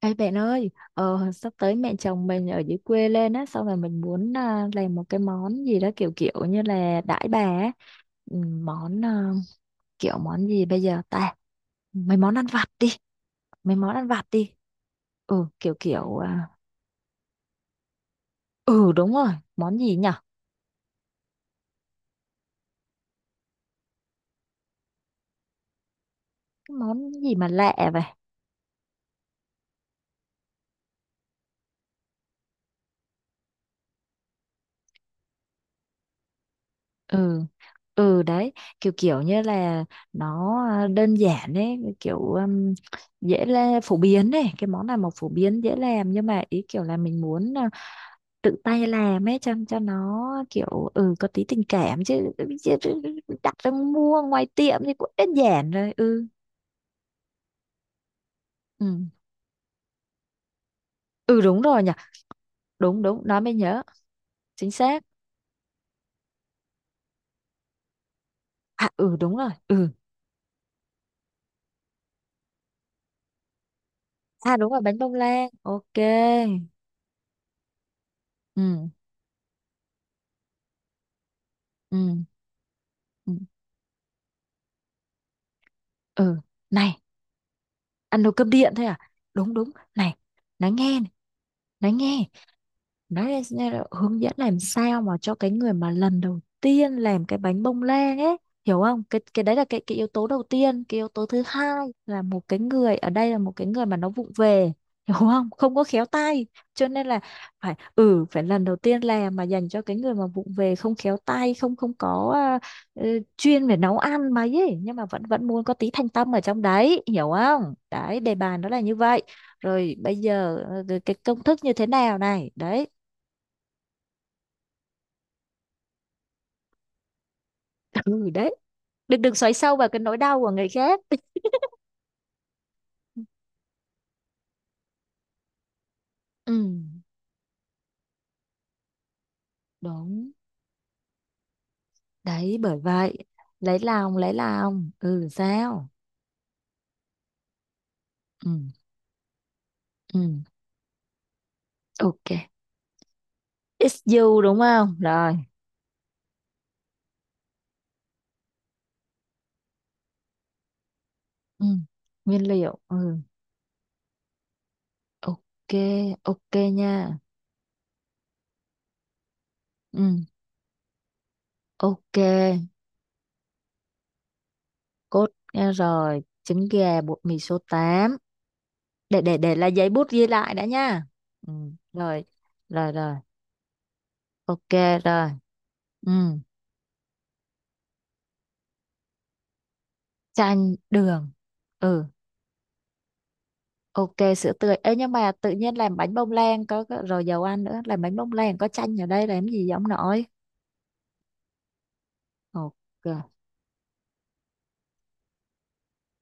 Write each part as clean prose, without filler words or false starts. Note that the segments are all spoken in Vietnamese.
Ê bạn ơi, sắp tới mẹ chồng mình ở dưới quê lên á, xong rồi mình muốn làm một cái món gì đó kiểu kiểu như là đãi bà á. Ừ, kiểu món gì bây giờ ta? Mấy món ăn vặt đi, mấy món ăn vặt đi. Ừ, kiểu kiểu à, ừ đúng rồi, món gì nhở? Cái món gì mà lạ vậy? Ừ. Ừ đấy, kiểu kiểu như là nó đơn giản ấy, kiểu dễ là phổ biến ấy, cái món này mà phổ biến dễ làm nhưng mà ý kiểu là mình muốn tự tay làm ấy cho nó kiểu ừ có tí tình cảm chứ, chứ đặt ra mua ngoài tiệm thì cũng đơn giản rồi. Ừ, ừ, ừ, đúng rồi nhỉ. Đúng đúng, nó mới nhớ. Chính xác. À, ừ, đúng rồi. Ừ, à, đúng rồi, bánh bông lan. Ok. Ừ, ừ, ừ, ừ. Này, ăn nồi cơm điện thôi à? Đúng đúng. Này, nói nghe này, nói nghe. Nói là nghe là hướng dẫn làm sao mà cho cái người mà lần đầu tiên làm cái bánh bông lan ấy, hiểu không? Cái đấy là cái yếu tố đầu tiên. Cái yếu tố thứ hai là một cái người ở đây là một cái người mà nó vụng về, hiểu không? Không có khéo tay, cho nên là phải, ừ, phải lần đầu tiên làm mà dành cho cái người mà vụng về, không khéo tay, không không có ờ, chuyên về nấu ăn mà ấy, nhưng mà vẫn vẫn muốn có tí thanh tâm ở trong đấy, hiểu không? Đấy, đề bài nó là như vậy. Rồi bây giờ cái công thức như thế nào này đấy. Ừ đấy, đừng đừng xoáy sâu vào cái nỗi đau của người khác. Ừ, đúng. Đấy bởi vậy, lấy lòng lấy lòng. Ừ, sao? Ừ, ừ, ok, it's you đúng không? Rồi. Ừ, nguyên liệu. Ừ, ok, ok nha. Ừ, ok. Cốt nghe rồi, trứng gà, bột mì số tám. Để để là giấy bút ghi lại đã nha. Ừ, rồi, rồi, rồi, ok, rồi. Ừ, chanh đường. Ừ. Ok, sữa tươi. Ê, nhưng mà tự nhiên làm bánh bông lan có rồi dầu ăn nữa, làm bánh bông lan có chanh ở đây làm gì giống nổi? Ok.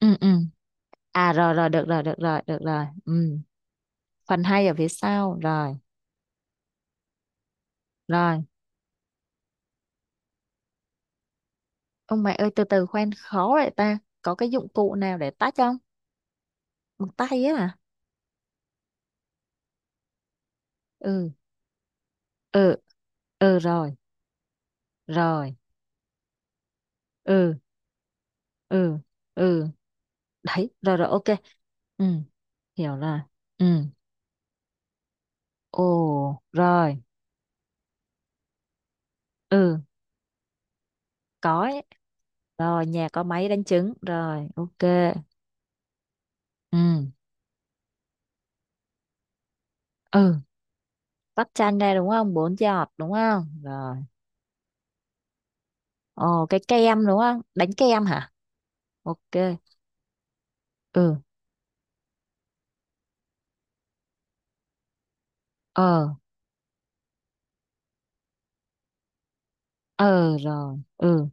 Ừ, ừ. À rồi, rồi được rồi, được rồi, được rồi. Ừ. Phần hay ở phía sau rồi. Rồi. Ông mẹ ơi, từ từ khoan, khó vậy ta. Có cái dụng cụ nào để tách không? Bằng tay á à? Ừ. Ừ. Ừ rồi. Rồi. Ừ. Ừ. Ừ. Đấy, rồi rồi ok. Ừ, hiểu rồi. Ừ. Ồ, rồi. Ừ, có ấy. Rồi, nhà có máy đánh trứng. Rồi, ok. Ừ. Ừ, vắt chanh đây đúng không? Bốn giọt đúng không? Rồi. Ồ, cái kem đúng không? Đánh kem hả? Ok. Ừ. Ờ. Ờ rồi. Ừ.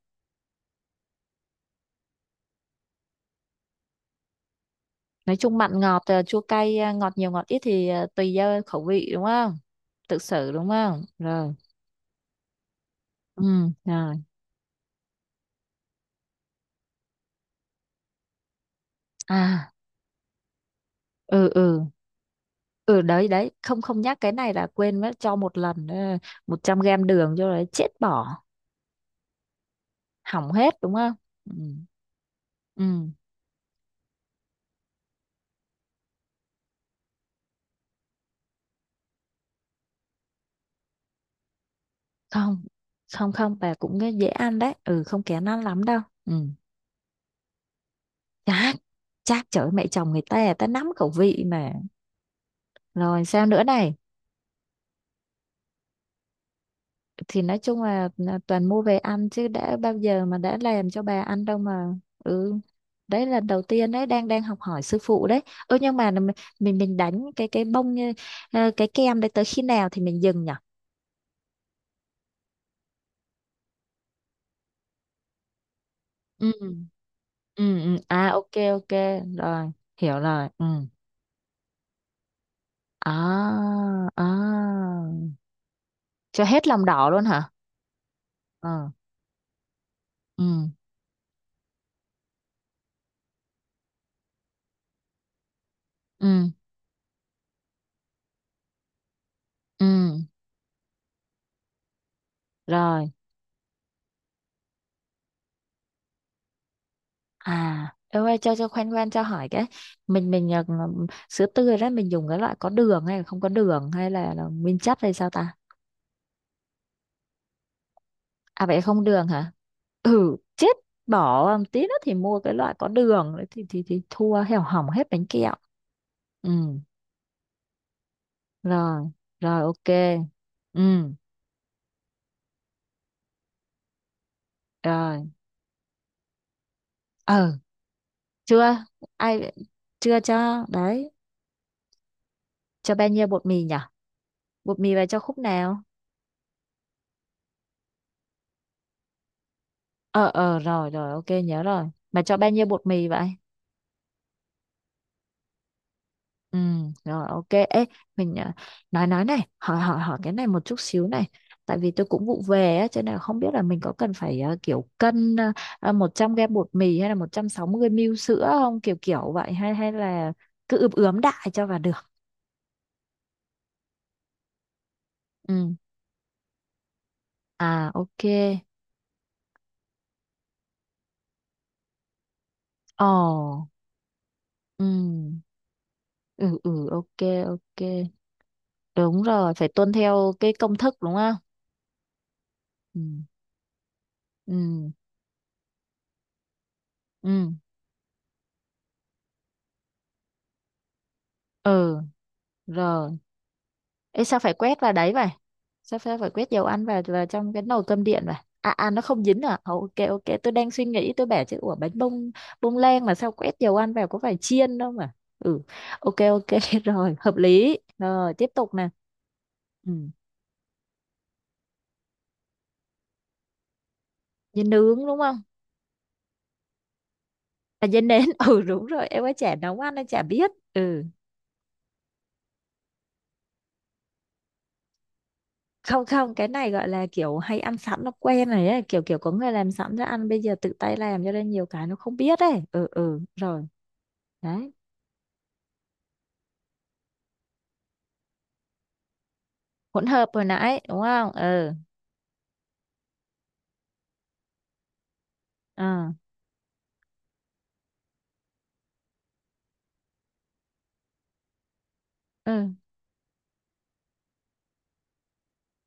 Nói chung mặn ngọt chua cay ngọt nhiều ngọt ít thì tùy do khẩu vị đúng không? Tự xử đúng không? Rồi. Ừ, rồi. À, ừ, ừ. Ừ đấy đấy, không không nhắc cái này là quên mất, cho một lần 100 gram đường cho đấy chết bỏ, hỏng hết đúng không? Ừ. Ừ. Không, không, không, bà cũng nghe dễ ăn đấy, ừ, không kén ăn lắm đâu. Ừ, chắc. Chắc trời ơi, mẹ chồng người ta, người ta nắm khẩu vị mà. Rồi sao nữa này? Thì nói chung là toàn mua về ăn chứ đã bao giờ mà đã làm cho bà ăn đâu mà. Ừ đấy, lần đầu tiên đấy, đang đang học hỏi sư phụ đấy. Ừ, nhưng mà mình đánh cái bông như- cái kem đấy tới khi nào thì mình dừng nhỉ? Ừ, ừ, ừ. À ok ok. Rồi, hiểu rồi. Ừ. À, à. Cho hết lòng đỏ luôn hả? Ờ. Ừ. Ừ. Ừ. Rồi. À, em ơi, cho khoan khoan, cho hỏi cái mình sữa tươi đó mình dùng cái loại có đường hay là không có đường hay là nguyên chất hay sao ta? À vậy không đường hả? Ừ, chết, bỏ tí nữa thì mua cái loại có đường đấy thì thì thua hẻo hỏng hết bánh kẹo. Ừ, rồi, rồi ok. Ừ, rồi. Ờ, chưa ai chưa cho đấy, cho bao nhiêu bột mì nhỉ? Bột mì bà cho khúc nào? Ờ, ờ, rồi rồi ok, nhớ rồi. Bà cho bao nhiêu bột mì vậy? Ừ rồi ok. Ê mình nói này, hỏi hỏi hỏi cái này một chút xíu này. Tại vì tôi cũng vụ về á cho nên là không biết là mình có cần phải kiểu cân 100 gram bột mì hay là 160 ml sữa không, kiểu kiểu vậy hay hay là cứ ướp ướm đại cho vào được. Ừ. À ok. Ồ. Ừ. Ừ ừ ok ok. Đúng rồi, phải tuân theo cái công thức đúng không? Ừ. Ừ. Ừ, ừ, rồi. Ê, sao phải quét vào đấy vậy? Sao sao phải quét dầu ăn vào vào trong cái nồi cơm điện vậy? À à, nó không dính à, ồ, ok ok, tôi đang suy nghĩ tôi bảo chứ, ủa bánh bông bông lan mà sao quét dầu ăn vào, có phải chiên đâu mà. Ừ, ok ok rồi hợp lý rồi, tiếp tục nè. Ừ, dê nướng đúng không? À, dê nến ừ đúng rồi, em ấy chả nấu ăn, em chả biết. Ừ, không không, cái này gọi là kiểu hay ăn sẵn nó quen này ấy, kiểu kiểu có người làm sẵn ra ăn, bây giờ tự tay làm cho nên nhiều cái nó không biết ấy. Ừ, ừ, rồi. Đấy, hỗn hợp hồi nãy đúng không? Ừ. À, ừ.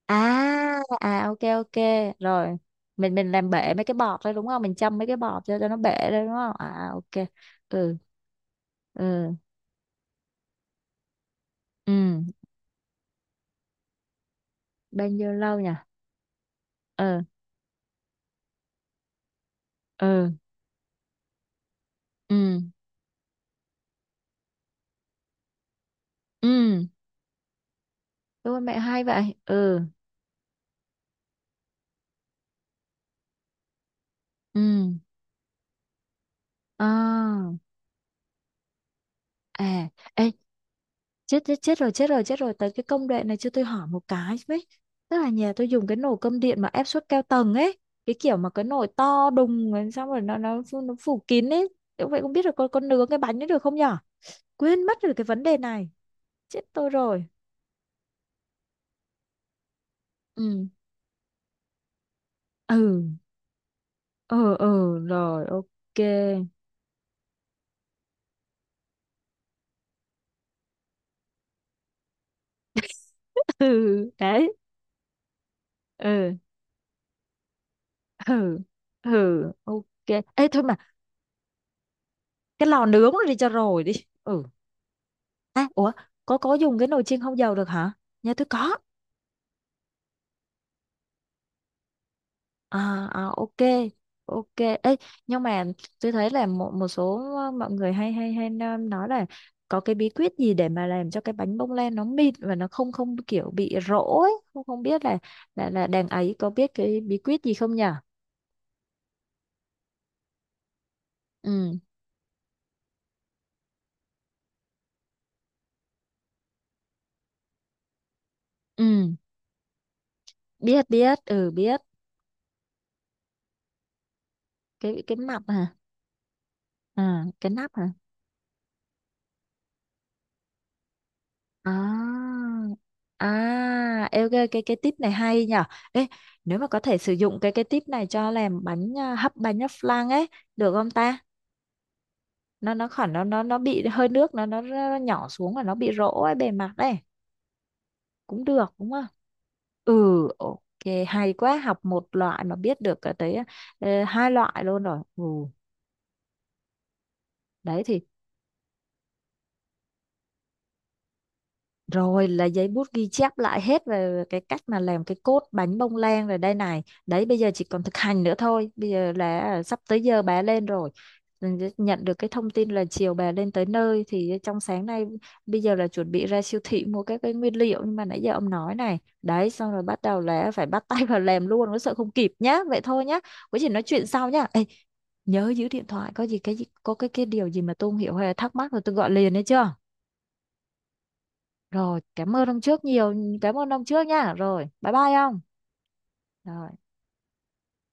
À, à, ok ok, rồi. Mình làm bể mấy cái bọt đấy đúng không, mình châm mấy cái bọt cho nó bể đấy đúng không? À ok. Ừ. Ừ. Ừ, bao nhiêu lâu nhỉ? Ừ. Ừ. Ừ. Ừ. Ôi mẹ, hay vậy. Ừ. Ừ. À, à, ê, chết chết chết rồi, chết rồi, chết rồi, tới cái công đoạn này cho tôi hỏi một cái với, tức là nhà tôi dùng cái nồi cơm điện mà áp suất cao tầng ấy, cái kiểu mà cái nồi to đùng rồi xong rồi nó phủ- nó phủ kín ấy. Thế vậy không biết là con nướng cái bánh ấy được không nhở, quên mất rồi cái vấn đề này, chết tôi rồi. Ừ. Ừ. Ừ, ừ, rồi ok ừ đấy. Ừ. Ừ. Ừ, ok. Ê thôi mà, cái lò nướng này đi cho rồi đi. Ừ. À, ủa, có dùng cái nồi chiên không dầu được hả, nhà tôi có. À, à ok. Ok ấy, nhưng mà tôi thấy là một một số mọi người hay hay hay nói là có cái bí quyết gì để mà làm cho cái bánh bông lan nó mịn và nó không không kiểu bị rỗ ấy, không không biết là là đàn ấy có biết cái bí quyết gì không nhỉ? Ừ. Ừ, biết biết, ừ, biết. Cái mặt hả? À cái nắp hả? À, à, ê, ok, cái tip này hay nhở. Ê, nếu mà có thể sử dụng cái tip này cho làm bánh à, hấp bánh nhấp flan ấy, được không ta? Nó khỏi, nó nó bị hơi nước, nó nhỏ xuống và nó bị rỗ ấy, bề mặt ấy, cũng được đúng không? Ừ, ok, hay quá, học một loại mà biết được cái tới hai loại luôn rồi. Ừ, đấy thì. Rồi là giấy bút ghi chép lại hết về cái cách mà làm cái cốt bánh bông lan rồi đây này. Đấy bây giờ chỉ còn thực hành nữa thôi. Bây giờ là à, sắp tới giờ bà lên rồi. Mình nhận được cái thông tin là chiều bà lên tới nơi thì trong sáng nay bây giờ là chuẩn bị ra siêu thị mua các cái nguyên liệu, nhưng mà nãy giờ ông nói này. Đấy xong rồi bắt đầu là phải bắt tay vào làm luôn, nó sợ không kịp nhá. Vậy thôi nhá. Có gì nói chuyện sau nhá. Ê, nhớ giữ điện thoại, có gì cái gì- có cái điều gì mà tôi không hiểu hay là thắc mắc rồi tôi gọi liền đấy chưa? Rồi, cảm ơn ông trước nhiều, cảm ơn ông trước nha. Rồi, bye bye ông. Rồi.